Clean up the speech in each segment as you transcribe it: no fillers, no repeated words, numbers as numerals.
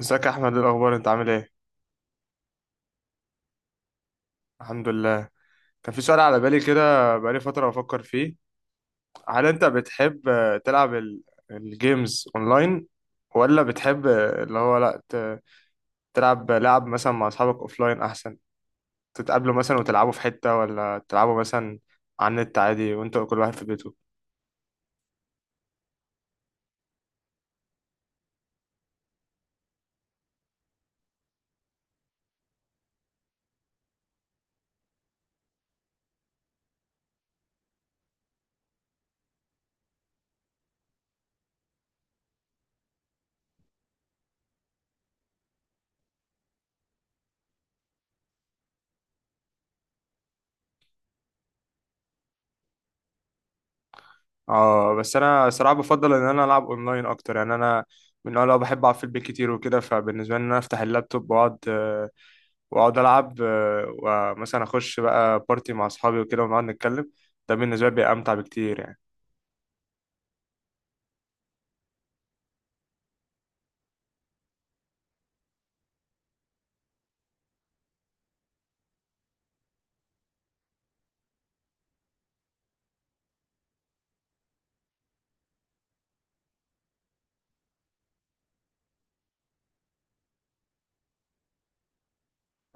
ازيك يا احمد، إيه الاخبار؟ انت عامل ايه؟ الحمد لله. كان في سؤال على بالي كده بقالي فتره بفكر فيه. هل انت بتحب تلعب الجيمز اونلاين؟ ولا بتحب اللي هو لا تلعب لعب مثلا مع اصحابك اوفلاين احسن؟ تتقابلوا مثلا وتلعبوا في حته، ولا تلعبوا مثلا على النت عادي وانت كل واحد في بيته؟ اه، بس انا صراحه بفضل ان انا العب اونلاين اكتر، يعني انا من النوع اللي هو بحب اقعد في البيت كتير وكده. فبالنسبه لي ان انا افتح اللابتوب واقعد العب، ومثلا اخش بقى بارتي مع اصحابي وكده ونقعد نتكلم. ده بالنسبه لي بيبقى امتع بكتير يعني.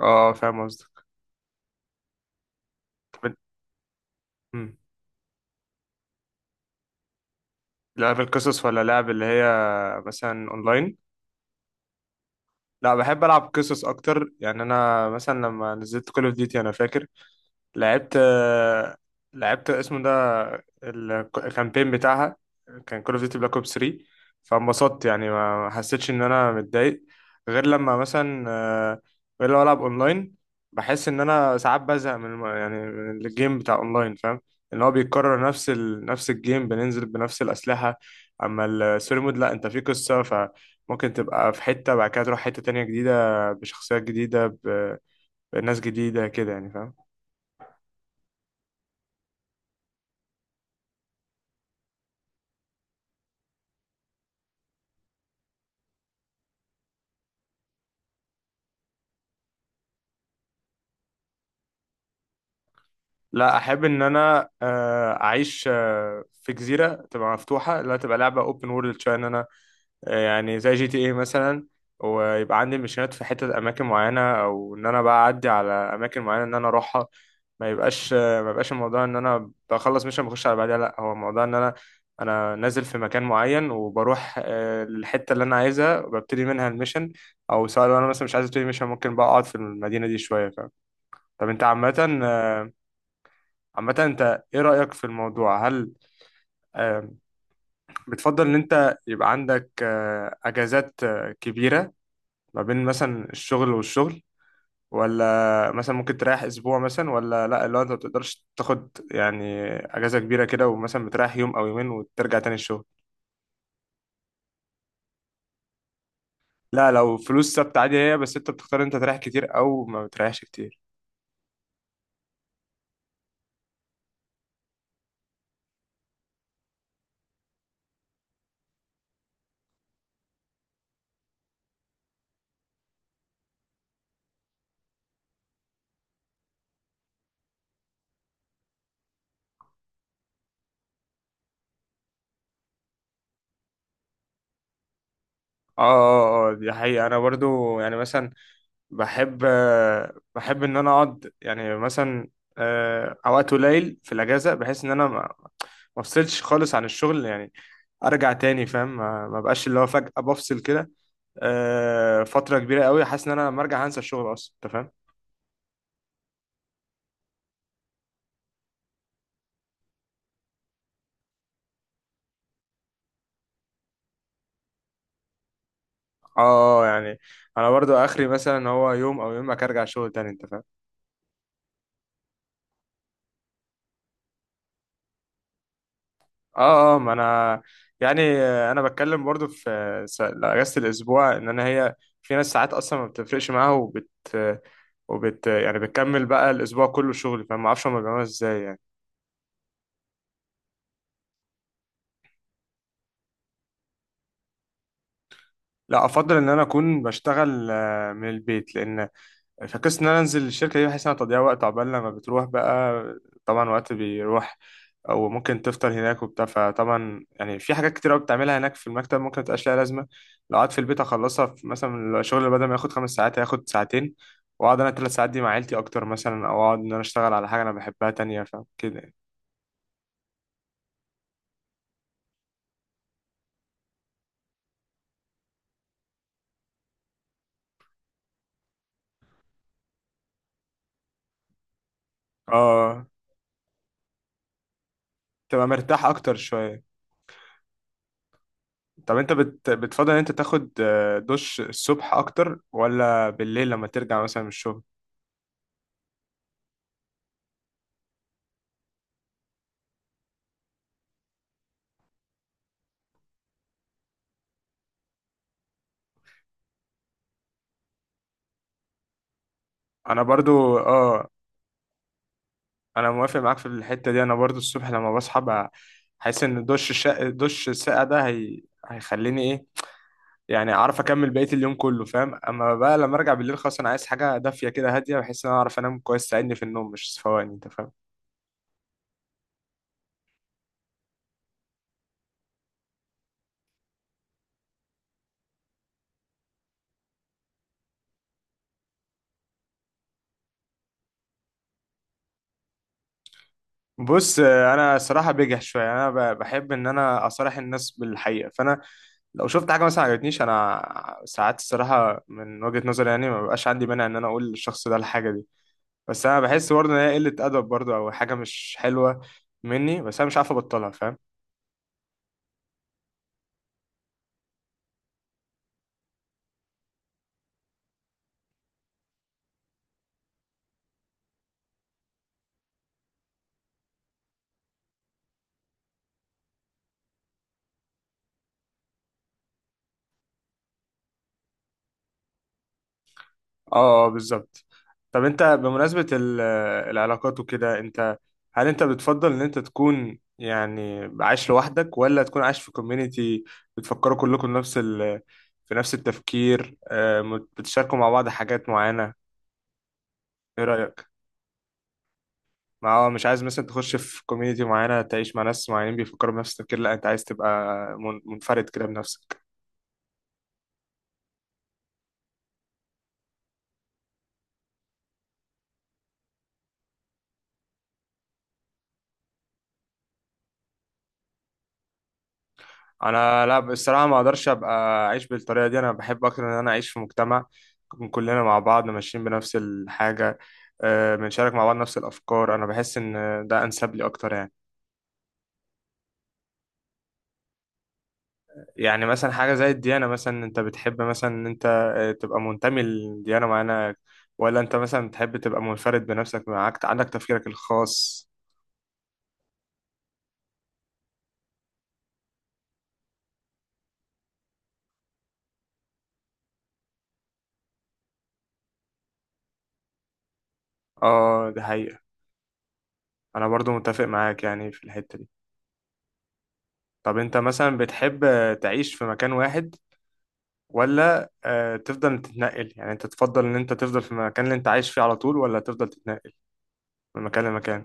اه، فاهم قصدك. طب إنت- مم. لعب القصص ولا لعب اللي هي مثلا اونلاين؟ لا، بحب العب قصص اكتر يعني. انا مثلا لما نزلت كول اوف ديوتي انا فاكر لعبت لعبت اسمه ده، الكامبين بتاعها، كان كول اوف ديوتي بلاك اوبس 3. فانبسطت يعني ما حسيتش ان انا متضايق، غير لما مثلا غير لما العب اونلاين. بحس ان انا ساعات بزهق من يعني من الجيم بتاع اونلاين، فاهم؟ ان هو بيتكرر نفس الجيم بننزل بنفس الاسلحه. اما الستوري مود لا، انت في قصه، فممكن تبقى في حته بعد كده تروح حته تانية جديده بشخصيات جديده بناس جديده كده يعني، فاهم؟ لا، احب ان انا اعيش في جزيره تبقى مفتوحه، اللي هي تبقى لعبه اوبن وورلد شويه، ان انا يعني زي جي تي اي مثلا، ويبقى عندي مشينات في حته اماكن معينه، او ان انا بقى اعدي على اماكن معينه ان انا اروحها. ما يبقاش الموضوع ان انا بخلص مش بخش على بعدها، لا هو الموضوع ان انا نازل في مكان معين، وبروح للحته اللي انا عايزها وببتدي منها الميشن. او سواء لو انا مثلا مش عايز ابتدي ميشن، ممكن بقى اقعد في المدينه دي شويه، فاهم؟ طب انت عامه آه، عامة، انت ايه رأيك في الموضوع؟ هل آم، بتفضل ان انت يبقى عندك اجازات كبيرة ما بين مثلا الشغل والشغل، ولا مثلا ممكن تريح اسبوع مثلا، ولا لا، اللي هو انت ما بتقدرش تاخد يعني اجازة كبيرة كده، ومثلا بتريح يوم او يومين وترجع تاني الشغل؟ لا، لو فلوس ثابتة عادي، هي بس انت بتختار انت تريح كتير او ما بتريحش كتير. اه، اه، اه، دي حقيقة. انا برضو يعني مثلا بحب بحب ان انا اقعد يعني مثلا اوقات قليل في الاجازه، بحيث ان انا ما افصلش خالص عن الشغل يعني. ارجع تاني، فاهم؟ ما بقاش اللي هو فجاه بفصل كده فتره كبيره قوي، حاسس ان انا لما ارجع هنسى الشغل اصلا، انت فاهم. اه، يعني انا برضو اخري مثلا هو يوم، او يوم ما ارجع شغل تاني، انت فاهم. اه، اه، ما انا يعني انا بتكلم برضو في اجازه الاسبوع ان انا هي، في ناس ساعات اصلا ما بتفرقش معاها، وبت يعني بتكمل بقى الاسبوع كله شغل، فما اعرفش هما بيعملوها ازاي يعني. لا، افضل ان انا اكون بشتغل من البيت، لان فقصة إن أنا أنزل الشركة دي بحس إنها تضييع وقت. عقبال لما بتروح بقى، طبعا وقت بيروح. أو ممكن تفطر هناك وبتاع. فطبعا يعني في حاجات كتير أوي بتعملها هناك في المكتب ممكن متبقاش ليها لازمة. لو قعدت في البيت أخلصها. في مثلا الشغل اللي بدل ما ياخد 5 ساعات هياخد ساعتين، وأقعد أنا 3 ساعات دي مع عيلتي أكتر مثلا، أو أقعد إن أنا أشتغل على حاجة أنا بحبها تانية، فكده يعني. آه، تبقى مرتاح أكتر شوية. طب أنت بتفضل إن أنت تاخد دش الصبح أكتر ولا بالليل لما ترجع مثلا من الشغل؟ انا برضو، اه. انا موافق معاك في الحته دي. انا برضو الصبح لما بصحى بقى، حاسس ان دش الساقع ده هي... هيخليني ايه، يعني اعرف اكمل بقيه اليوم كله، فاهم؟ اما بقى لما ارجع بالليل خلاص، انا عايز حاجه دافيه كده هاديه، بحيث ان انا اعرف انام كويس، تساعدني في النوم مش صفواني، انت فاهم. بص، انا صراحه بجح شويه، انا بحب ان انا اصارح الناس بالحقيقه، فانا لو شفت حاجه مثلا عجبتنيش، انا ساعات الصراحه من وجهه نظري يعني ما بقاش عندي مانع ان انا اقول للشخص ده الحاجه دي. بس انا بحس برضه ان هي قله ادب برضه، او حاجه مش حلوه مني، بس انا مش عارف ابطلها، فاهم؟ اه، اه، بالظبط. طب انت بمناسبه العلاقات وكده، انت، هل انت بتفضل ان انت تكون يعني عايش لوحدك، ولا تكون عايش في كوميونيتي بتفكروا كلكم نفس ال في نفس التفكير، بتشاركوا مع بعض حاجات معينه، ايه رايك؟ ما هو مش عايز مثلا تخش في كوميونيتي معينه تعيش مع ناس معينين بيفكروا بنفس التفكير، لا انت عايز تبقى منفرد كده بنفسك؟ انا لا، بصراحه ما اقدرش ابقى اعيش بالطريقه دي. انا بحب اكتر ان انا اعيش في مجتمع، نكون كلنا مع بعض ماشيين بنفس الحاجه، بنشارك مع بعض نفس الافكار. انا بحس ان ده انسب لي اكتر يعني. يعني مثلا حاجه زي الديانه مثلا، انت بتحب مثلا ان انت تبقى منتمي لديانه معينه، ولا انت مثلا بتحب تبقى منفرد بنفسك، معاك عندك تفكيرك الخاص؟ اه، دي حقيقه. انا برضو متفق معاك يعني في الحته دي. طب انت مثلا بتحب تعيش في مكان واحد، ولا تفضل تتنقل؟ يعني انت تفضل ان انت تفضل في المكان اللي انت عايش فيه على طول، ولا تفضل تتنقل من مكان لمكان؟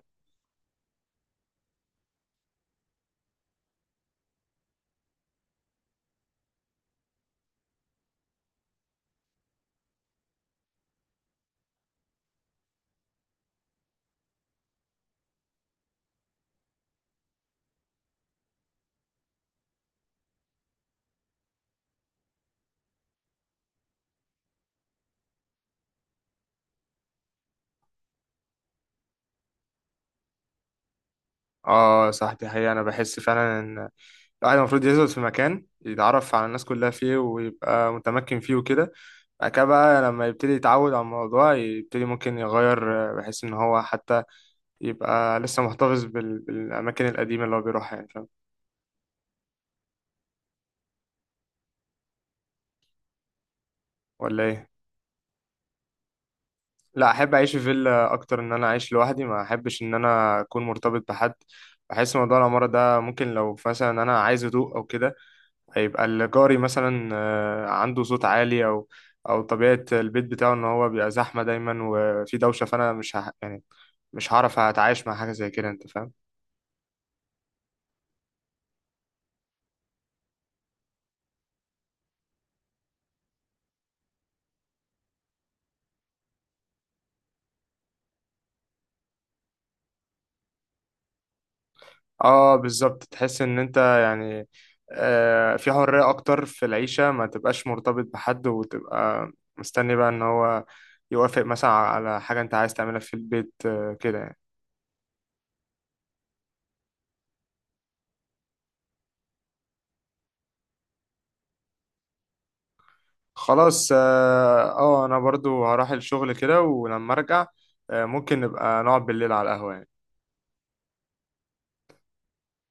اه، صح، دي حقيقة. انا بحس فعلا ان الواحد المفروض يثبت في مكان، يتعرف على الناس كلها فيه ويبقى متمكن فيه وكده. بعد كده بقى لما يبتدي يتعود على الموضوع يبتدي ممكن يغير بحيث ان هو حتى يبقى لسه محتفظ بالاماكن القديمة اللي هو بيروحها يعني، فاهم. ولا ايه؟ لا، احب اعيش في فيلا اكتر، ان انا اعيش لوحدي، ما احبش ان انا اكون مرتبط بحد. بحس موضوع العمارة ده ممكن لو مثلا انا عايز هدوء او كده، هيبقى الجاري مثلا عنده صوت عالي، او طبيعة البيت بتاعه ان هو بيبقى زحمة دايما وفي دوشة، فانا مش يعني مش هعرف اتعايش مع حاجة زي كده، انت فاهم. اه، بالظبط. تحس ان انت يعني في حرية اكتر في العيشة، ما تبقاش مرتبط بحد وتبقى مستني بقى ان هو يوافق مثلا على حاجة انت عايز تعملها في البيت، كده يعني. خلاص، اه، انا برضو هروح الشغل كده، ولما ارجع ممكن نبقى نقعد بالليل على القهوة يعني.